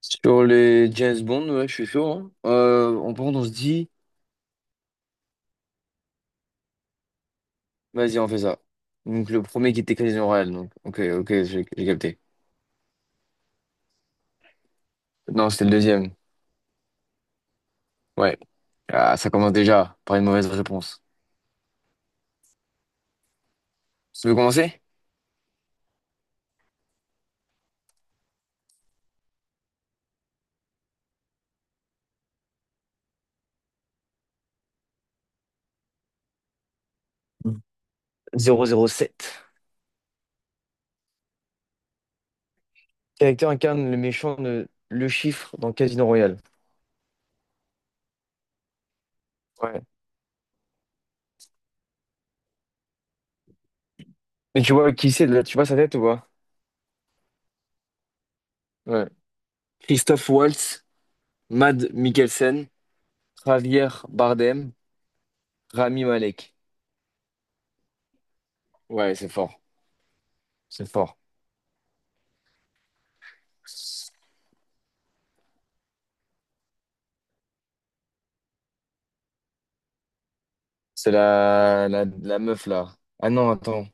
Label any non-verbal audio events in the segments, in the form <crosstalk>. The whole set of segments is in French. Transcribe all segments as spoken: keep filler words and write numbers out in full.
Sur les James Bond, ouais, je suis chaud. Hein. Euh, on pense, on se dit, vas-y, on fait ça. Donc le premier qui était Casino Royale, donc ok, ok, j'ai j'ai capté. Non, c'était le deuxième. Ouais. Ah, ça commence déjà par une mauvaise réponse. Tu veux commencer? Mm. zéro zéro sept. Quel acteur incarne le méchant de Le Chiffre dans Casino Royale? Ouais. Mais tu vois qui c'est là? Tu vois sa tête ou pas? Ouais. Christophe Waltz, Mad Mikkelsen, Javier Bardem, Rami Malek. Ouais, c'est fort. C'est fort. C'est la, la, la meuf là. Ah non, attends.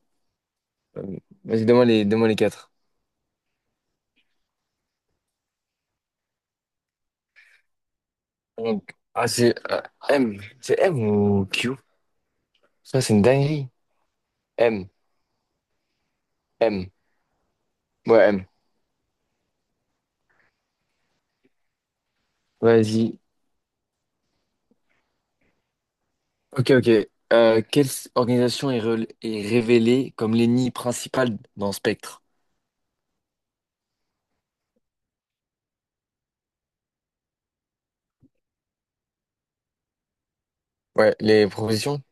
Euh, Vas-y, donne-moi les, donne-moi les quatre. Donc, ah, c'est euh, M. C'est M ou Q? Ça, c'est une dinguerie. M. M. Ouais, M. Vas-y. Ok, ok. Euh, quelle s- organisation est, rel- est révélée comme l'ennemi principal dans Spectre? Ouais, les propositions?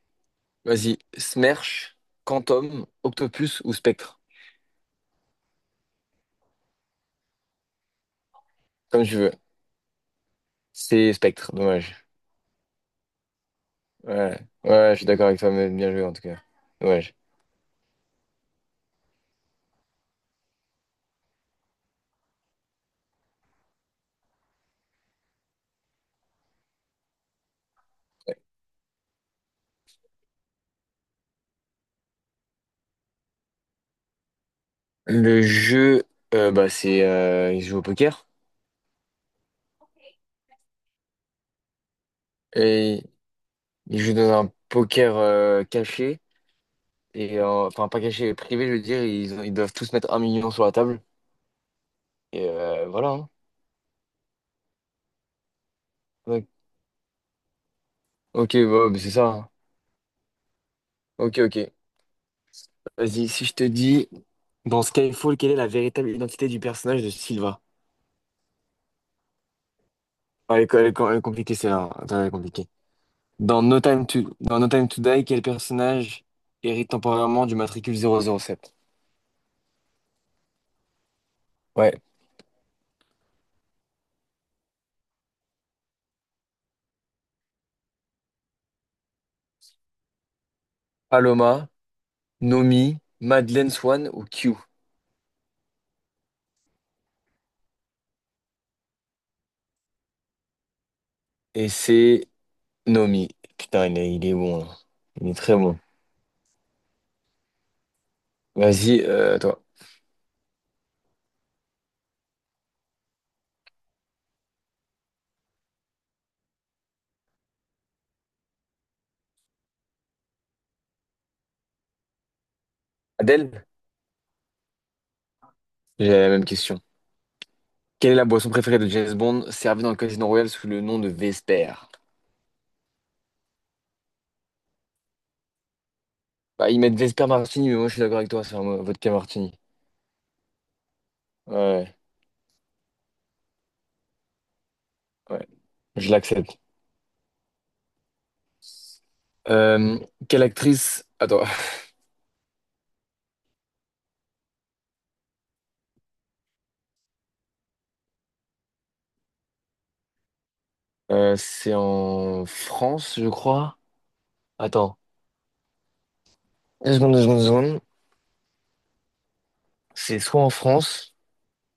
Vas-y. Smersh, Quantum, Octopus ou Spectre? Comme tu veux. C'est Spectre, dommage. Ouais, ouais, je suis d'accord avec toi, mais bien joué en tout cas. Dommage. Le jeu, euh, bah, c'est euh, il joue au poker et il joue dans un poker euh, caché et euh, enfin pas caché, privé, je veux dire. Ils, ils doivent tous mettre un million sur la table et euh, voilà. Hein. Ouais. Ok, bah, bah, c'est ça. Hein. Ok, ok. Vas-y, si je te dis dans Skyfall, quelle est la véritable identité du personnage de Silva? Ah, elle, est elle est- elle est compliquée celle-là. Hein. Attends, elle est compliquée. Dans No Time to, dans No Time to Die, quel personnage hérite temporairement du matricule zéro zéro sept. Ouais. Paloma. Nomi, Madeleine Swan ou Q? Et c'est Nomi. Putain, il est, il est bon, là. Il est très bon. Vas-y, euh, toi. Adèle, j'ai la même question. Quelle est la boisson préférée de James Bond servie dans le Casino Royal sous le nom de Vesper? Bah, ils mettent Vesper Martini, mais moi je suis d'accord avec toi, c'est un mo- vodka Martini. Ouais, ouais, je l'accepte. Euh, quelle actrice... Attends, euh, c'est en France, je crois. Attends, deux secondes, deux secondes, deux secondes. C'est soit en France.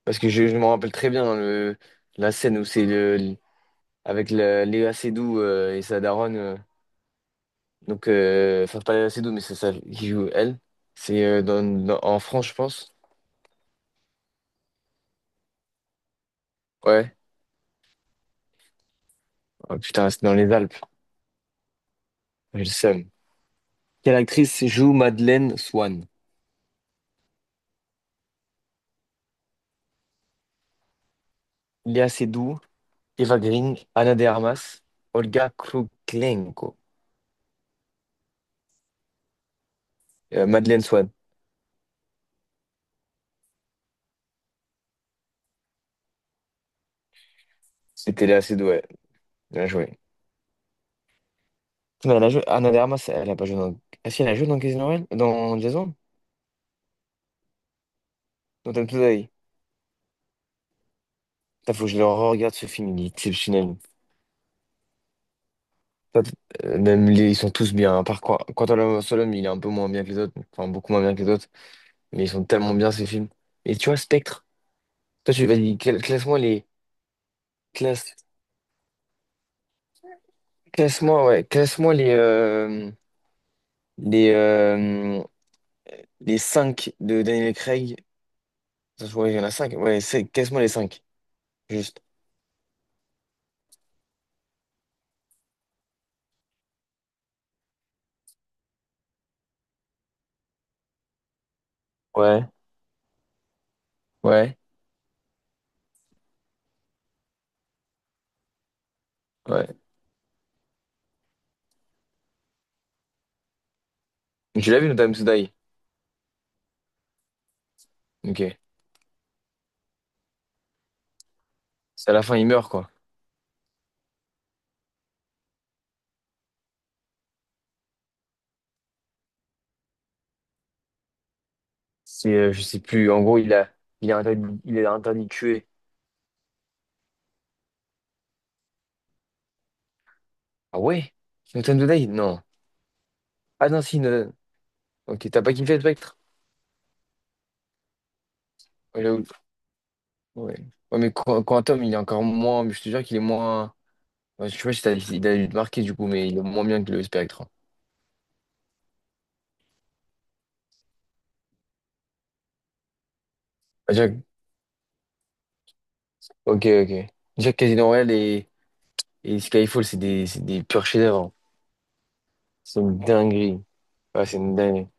Parce que je, je me rappelle très bien hein, le, la scène où c'est le, le- avec la- Léa Seydoux euh, et sa daronne. Euh, donc, euh, enfin, pas Léa Seydoux, mais c'est ça qui joue elle. C'est euh, dans, dans- en France, je pense. Ouais. Oh, putain, c'est dans les Alpes. J'ai le seum. Quelle actrice joue Madeleine Swann? Léa Seydoux, Eva Green, Ana de Armas, Olga Kruklenko. Euh, Madeleine Swann. C'était Léa Seydoux, ouais. Bien joué. Mais elle a joué, Ana de Armas, elle a pas joué dans. Ah si, elle a joué dans Casino Royale? Dans Jason? Dans Tom Today. Putain, faut que je le regarde ce film, il est exceptionnel. Pas de- euh, Même les, ils sont tous bien, à part quoi. Quantum Solomon, il est un peu moins bien que les autres, enfin beaucoup moins bien que les autres, mais ils sont tellement bien ces films. Et tu vois, Spectre, toi tu vas dire, classe-moi les. Classe, classe-moi, ouais, classe-moi les, euh, les, euh, les cinq de Daniel Craig. Ça, je vois, il y en a cinq. Ouais, c'est, classe-moi les cinq juste. Ouais, ouais, ouais. Tu l'as vu, Notam to Die? Ok. C'est à la fin, il meurt, quoi. C'est, euh, je sais plus, en gros, il a, il a interdit, il a interdit de tuer. Ah ouais? Noten Today? Non. Ah non, si, Noten. Ok, t'as pas kiffé Spectre? Ouais, j'avoue. Ouais. Ouais, mais Qu- Quantum, il est encore moins, mais je te jure qu'il est moins. Ouais, je sais pas si t'as, il a dû te marquer du coup, mais il est moins bien que le Spectre. Ah, Jack- Ok, ok. Jack Casino Royale et, et Skyfall, c'est des, c'est des purs chefs-d'œuvre. Hein. C'est une dinguerie. Ouais, c'est une dinguerie.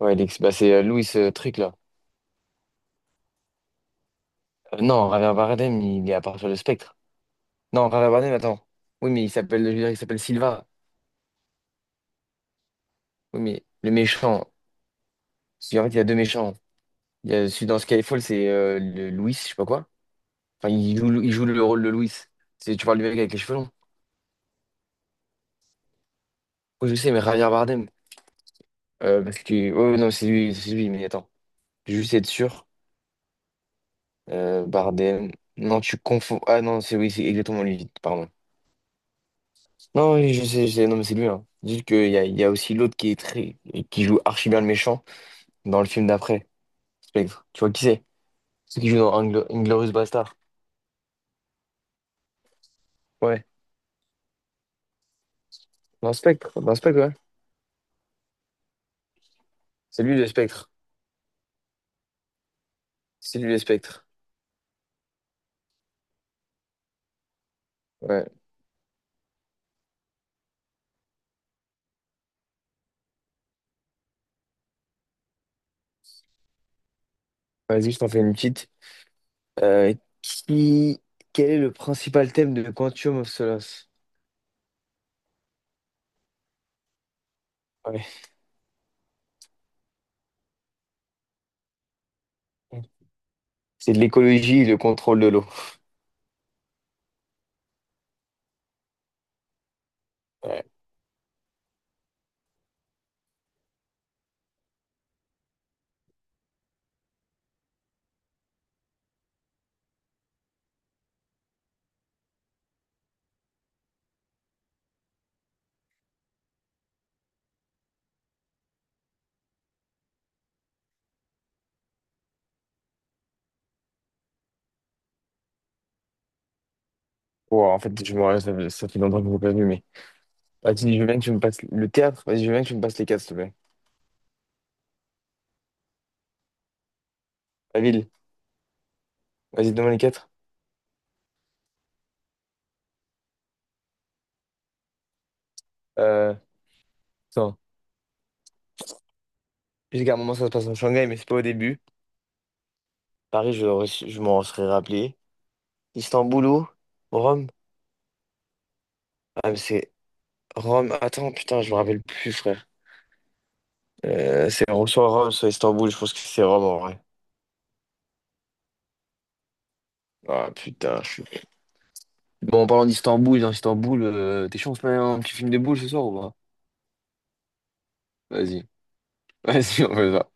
Ouais, l'ex- bah, c'est euh, Louis euh, Trick là. Euh, non, Javier Bardem, il est à partir de Spectre. Non, Rara Barnum, attends. Oui, mais il s'appelle, je veux dire, il s'appelle Silva. Oui, mais le méchant. Si, en fait, il y a deux méchants. Il y a celui dans Skyfall, c'est euh, le Louis, je sais pas quoi. Enfin, il joue, il joue le rôle de Louis. C'est, tu parles du mec avec les cheveux longs. Oui, je sais, mais Javier Bardem. Euh, parce que. Oh, non, c'est lui, c'est lui, mais attends. Je vais juste être sûr. Euh, Bardem. Non, tu confonds. Ah non, c'est oui, c'est exactement lui, pardon. Non, oui, je sais, je sais. Non, mais c'est lui, hein. Juste qu'il y a, il y a aussi l'autre qui est très. Qui joue archi bien le méchant dans le film d'après, Spectre. Tu vois qui c'est? C'est qui joue dans Inglo- Inglourious Bastard. Ouais. Dans Spectre. Dans Spectre, ouais. C'est lui le Spectre. C'est lui le Spectre. Ouais. Vas-y, je t'en fais une petite. Euh, qui... Quel est le principal thème de Quantum of Solace? Ouais. C'est de l'écologie et le contrôle de l'eau. Ouais. Wow, en fait, je me rappelle, ça, fait ça fait longtemps que je l'ai pas vu, mais. Vas-y, je veux bien que tu me passes le théâtre. Vas-y, je veux bien que tu me passes les quatre, s'il te plaît. La ville. Vas-y, donne-moi les quatre. Euh, Attends. Je un moment, ça se passe en Shanghai, mais c'est pas au début. Paris, je, je m'en serais rappelé. Istanbul, où Rome. Ah, mais c'est Rome. Attends, putain, je me rappelle plus, frère. Euh, c'est soit Rome, soit Istanbul. Je pense que c'est Rome en vrai. Ah, putain. je suis- Bon, en parlant d'Istanbul, dans Istanbul, euh, t'es chaud, on se met un petit film de boules ce soir ou pas? Vas-y. <laughs> Vas-y, on fait ça.